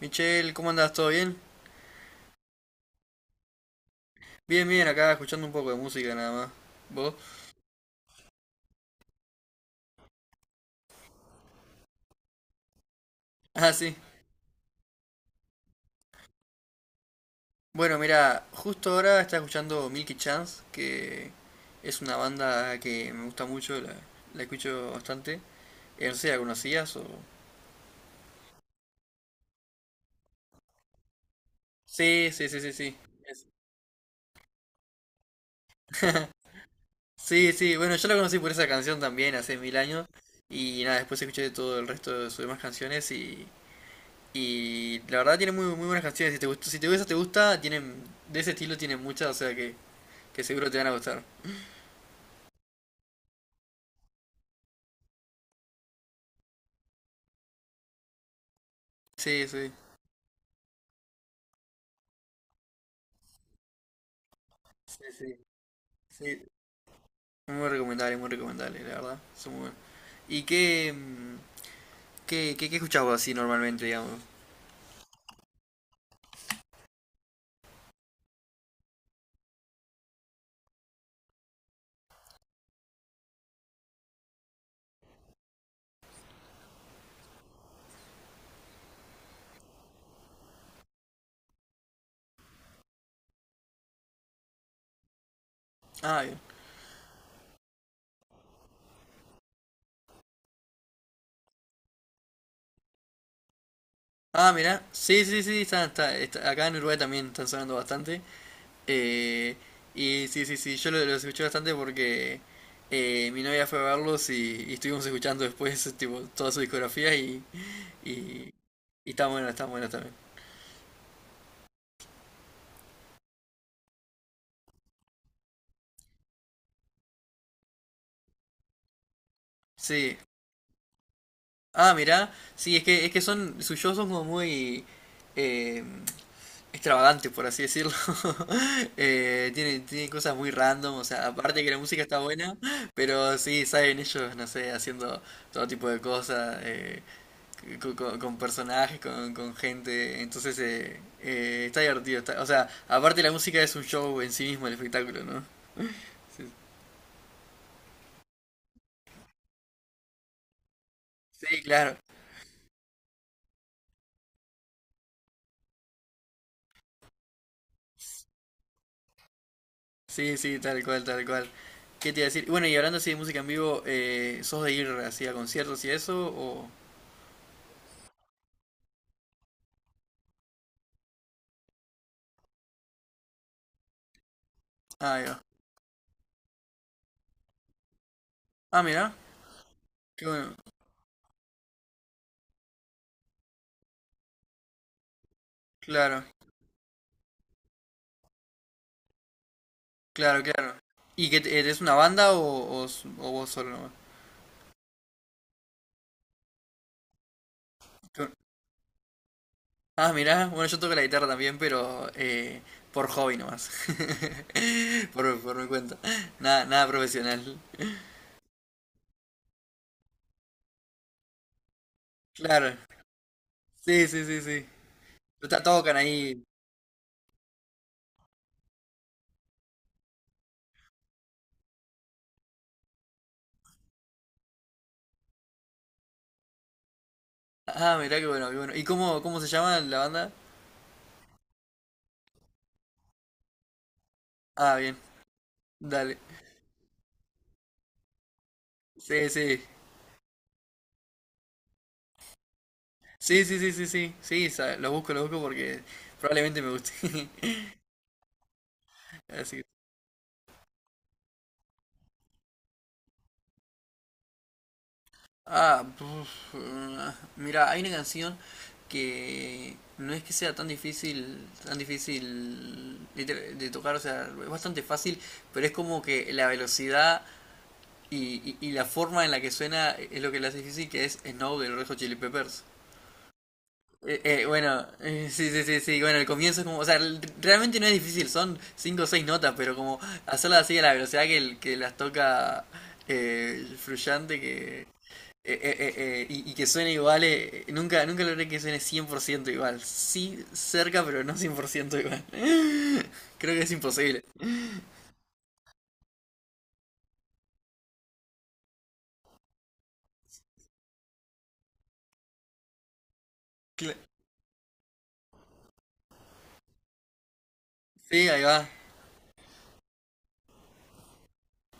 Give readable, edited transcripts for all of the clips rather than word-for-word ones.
Michelle, ¿cómo andas? ¿Todo bien? Bien, bien, acá escuchando un poco de música nada más. ¿Vos? Ah, sí. Bueno, mira, justo ahora está escuchando Milky Chance, que es una banda que me gusta mucho, la escucho bastante. No sé si la conocías o... Sí, sí, sí, sí, sí. Es- Sí, sí, bueno, yo la conocí por esa canción también hace mil años. Y nada, después escuché todo el resto de sus demás canciones. Y... Y la verdad tiene muy, muy buenas canciones. Si te gusta, si te gusta, te gusta, tienen... De ese estilo tienen muchas, o sea que seguro te van a gustar. Sí, sí, sí, sí, sí. Muy recomendable, la verdad. Son muy buenos. ¿Y qué, mm, qué, qué, qué escuchás vos así normalmente, digamos? Ah, bien. Ah, mira, sí, sí, sí, acá en Uruguay también están sonando bastante. Eh, y sí, sí, sí, los escuché bastante porque mi novia fue a verlos, y estuvimos escuchando después tipo toda su discografía, y, y está bueno también. Sí. Ah, mira, sí, es que sus shows son como muy... em, extravagante, por así decirlo. Tiene cosas muy random, o sea, aparte que la música está buena, pero sí, saben ellos, no sé, haciendo todo tipo de cosas, con personajes, con gente, entonces está divertido. O sea, aparte la música es un show en sí mismo, el espectáculo, ¿no? Sí, sí, claro, sí, sí, tal cual, tal cual. ¿Qué te iba a decir? Bueno, y hablando así de música en vivo, ¿sos de ir así a conciertos y eso? O... Ah, ahí va. Ah, mira, qué bueno, claro. Claro, claro. ¿Y eres una banda o, o vos solo nomás? Yo- Ah, mirá, bueno, yo toco la guitarra también, pero por hobby nomás. Por mi cuenta. Nada, nada profesional. Claro. Sí, sí, sí, sí. Pero tocan ahí. Ah, mirá, qué bueno, qué bueno. ¿Y cómo se llama la banda? Ah, bien. Dale. Sí, sí. Sí, sí, sí, sí, sí. Sí, lo busco porque probablemente me guste. Así que... Ah, puf, mira, hay una canción que no es que sea tan difícil de tocar, o sea, es bastante fácil, pero es como que la velocidad y la forma en la que suena es lo que la hace difícil, que es Snow de los Red Hot Chili Peppers. Bueno, sí, sí, sí, sí, bueno, el comienzo es como, o sea, realmente no es difícil, son cinco o seis notas, pero como hacerlas así a la velocidad que las toca el Frusciante, que, y que suene igual. Nunca, nunca logré que suene 100% igual. Sí, cerca, pero no 100% igual. Creo que es imposible. Cla- Sí, ahí va.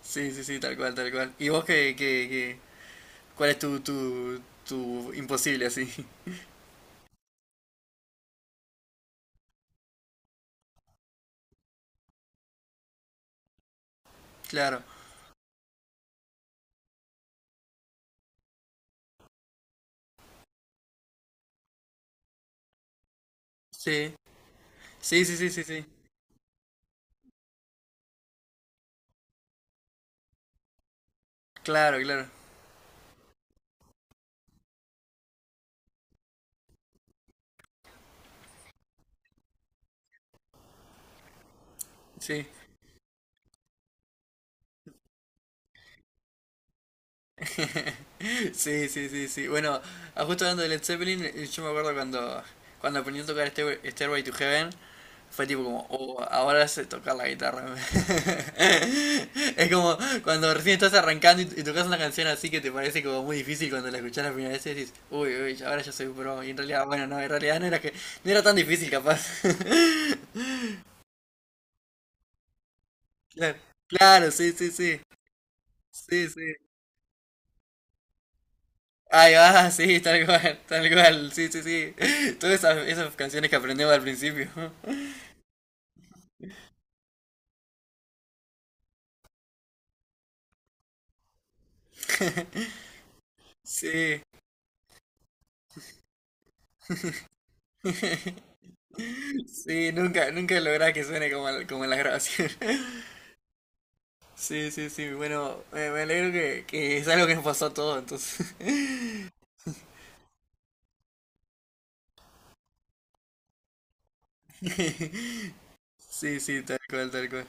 Sí, sí, sí, tal cual, tal cual. ¿Y vos qué? ¿Cuál es tu imposible así? Claro. Sí. Sí, sí, sí, sí, sí. Claro, claro. Sí. Sí, sí, sí, sí. Bueno, justo hablando de Led Zeppelin, yo me acuerdo cuando aprendí a tocar Stairway to Heaven, fue tipo como, oh, ahora sé tocar la guitarra. Es como cuando recién estás arrancando, y tocas una canción así que te parece como muy difícil cuando la escuchás la primera vez y decís, uy, uy, ahora ya soy pro. Y en realidad, bueno, no, en realidad no era tan difícil capaz. Claro, claro, sí, sí, sí. Sí, sí. Ahí va, sí, tal cual, sí, sí, sí. Todas esas canciones que aprendemos al principio. Sí, sí, nunca, nunca lográs que suene como en las grabaciones. Sí, sí, sí, bueno, me alegro que es algo que nos pasó a todos, entonces. Sí, sí, tal cual, tal cual.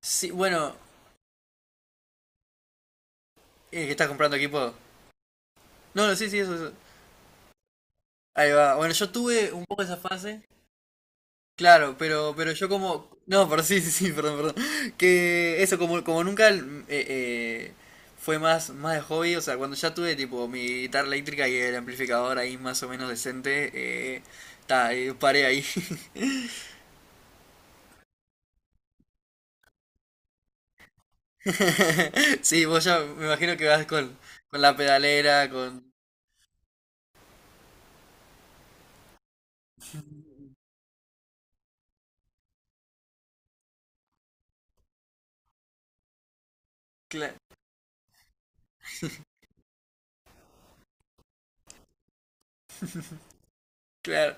Sí, bueno, ¿que estás comprando equipo? No, no, sí, sí, eso, eso. Ahí va. Bueno, yo tuve un poco esa fase, claro, pero, yo como... No, pero sí, sí, sí, perdón, perdón. Que eso, como nunca eh, fue más, más de hobby, o sea, cuando ya tuve tipo mi guitarra eléctrica y el amplificador ahí más o menos decente, eh, ta, paré ahí. Sí, vos ya me imagino que vas con la pedalera, con... cla- claro.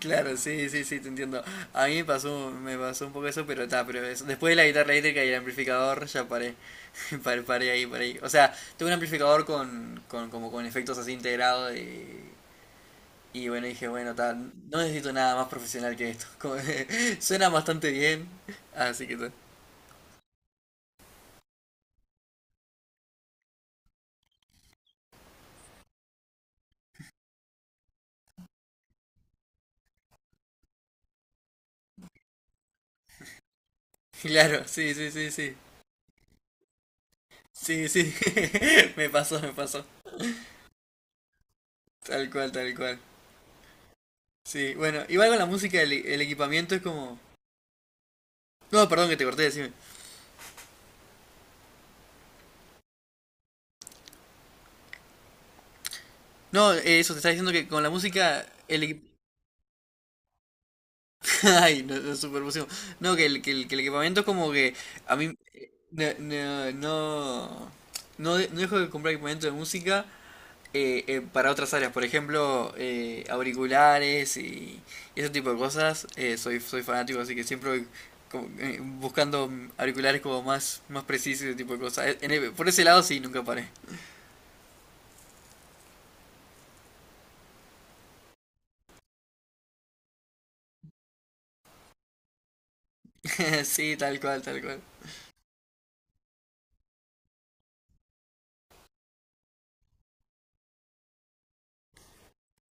Claro, sí, sí, sí, te entiendo. A mí me pasó un poco eso, pero después de la guitarra eléctrica y el amplificador ya paré. Paré, paré ahí, paré ahí. O sea, tuve un amplificador como con efectos así integrados, y bueno, dije, bueno, está, no necesito nada más profesional que esto. Como que suena bastante bien, así que ta. Claro, sí, sí, sí, sí. Sí, sí, me pasó, me pasó. Tal cual, tal cual. Sí, bueno, igual con la música, el equipamiento es como... No, perdón que te corté, decime. No, eso, te estaba diciendo que con la música, Ay, no, no, súper emoción. No, que el equipamiento es como que a mí no, no, no, no dejo de comprar equipamiento de música para otras áreas. Por ejemplo, auriculares y ese tipo de cosas. Soy fanático, así que siempre voy como, buscando auriculares como más, más precisos y ese tipo de cosas. Por ese lado sí, nunca paré. Sí, tal cual, tal cual.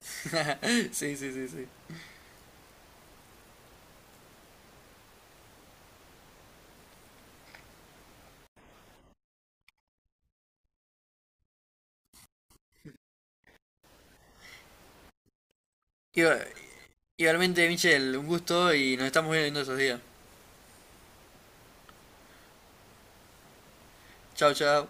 Sí, sí, sí, sí. Igualmente, Michelle, un gusto y nos estamos viendo en estos días. Chao, chao.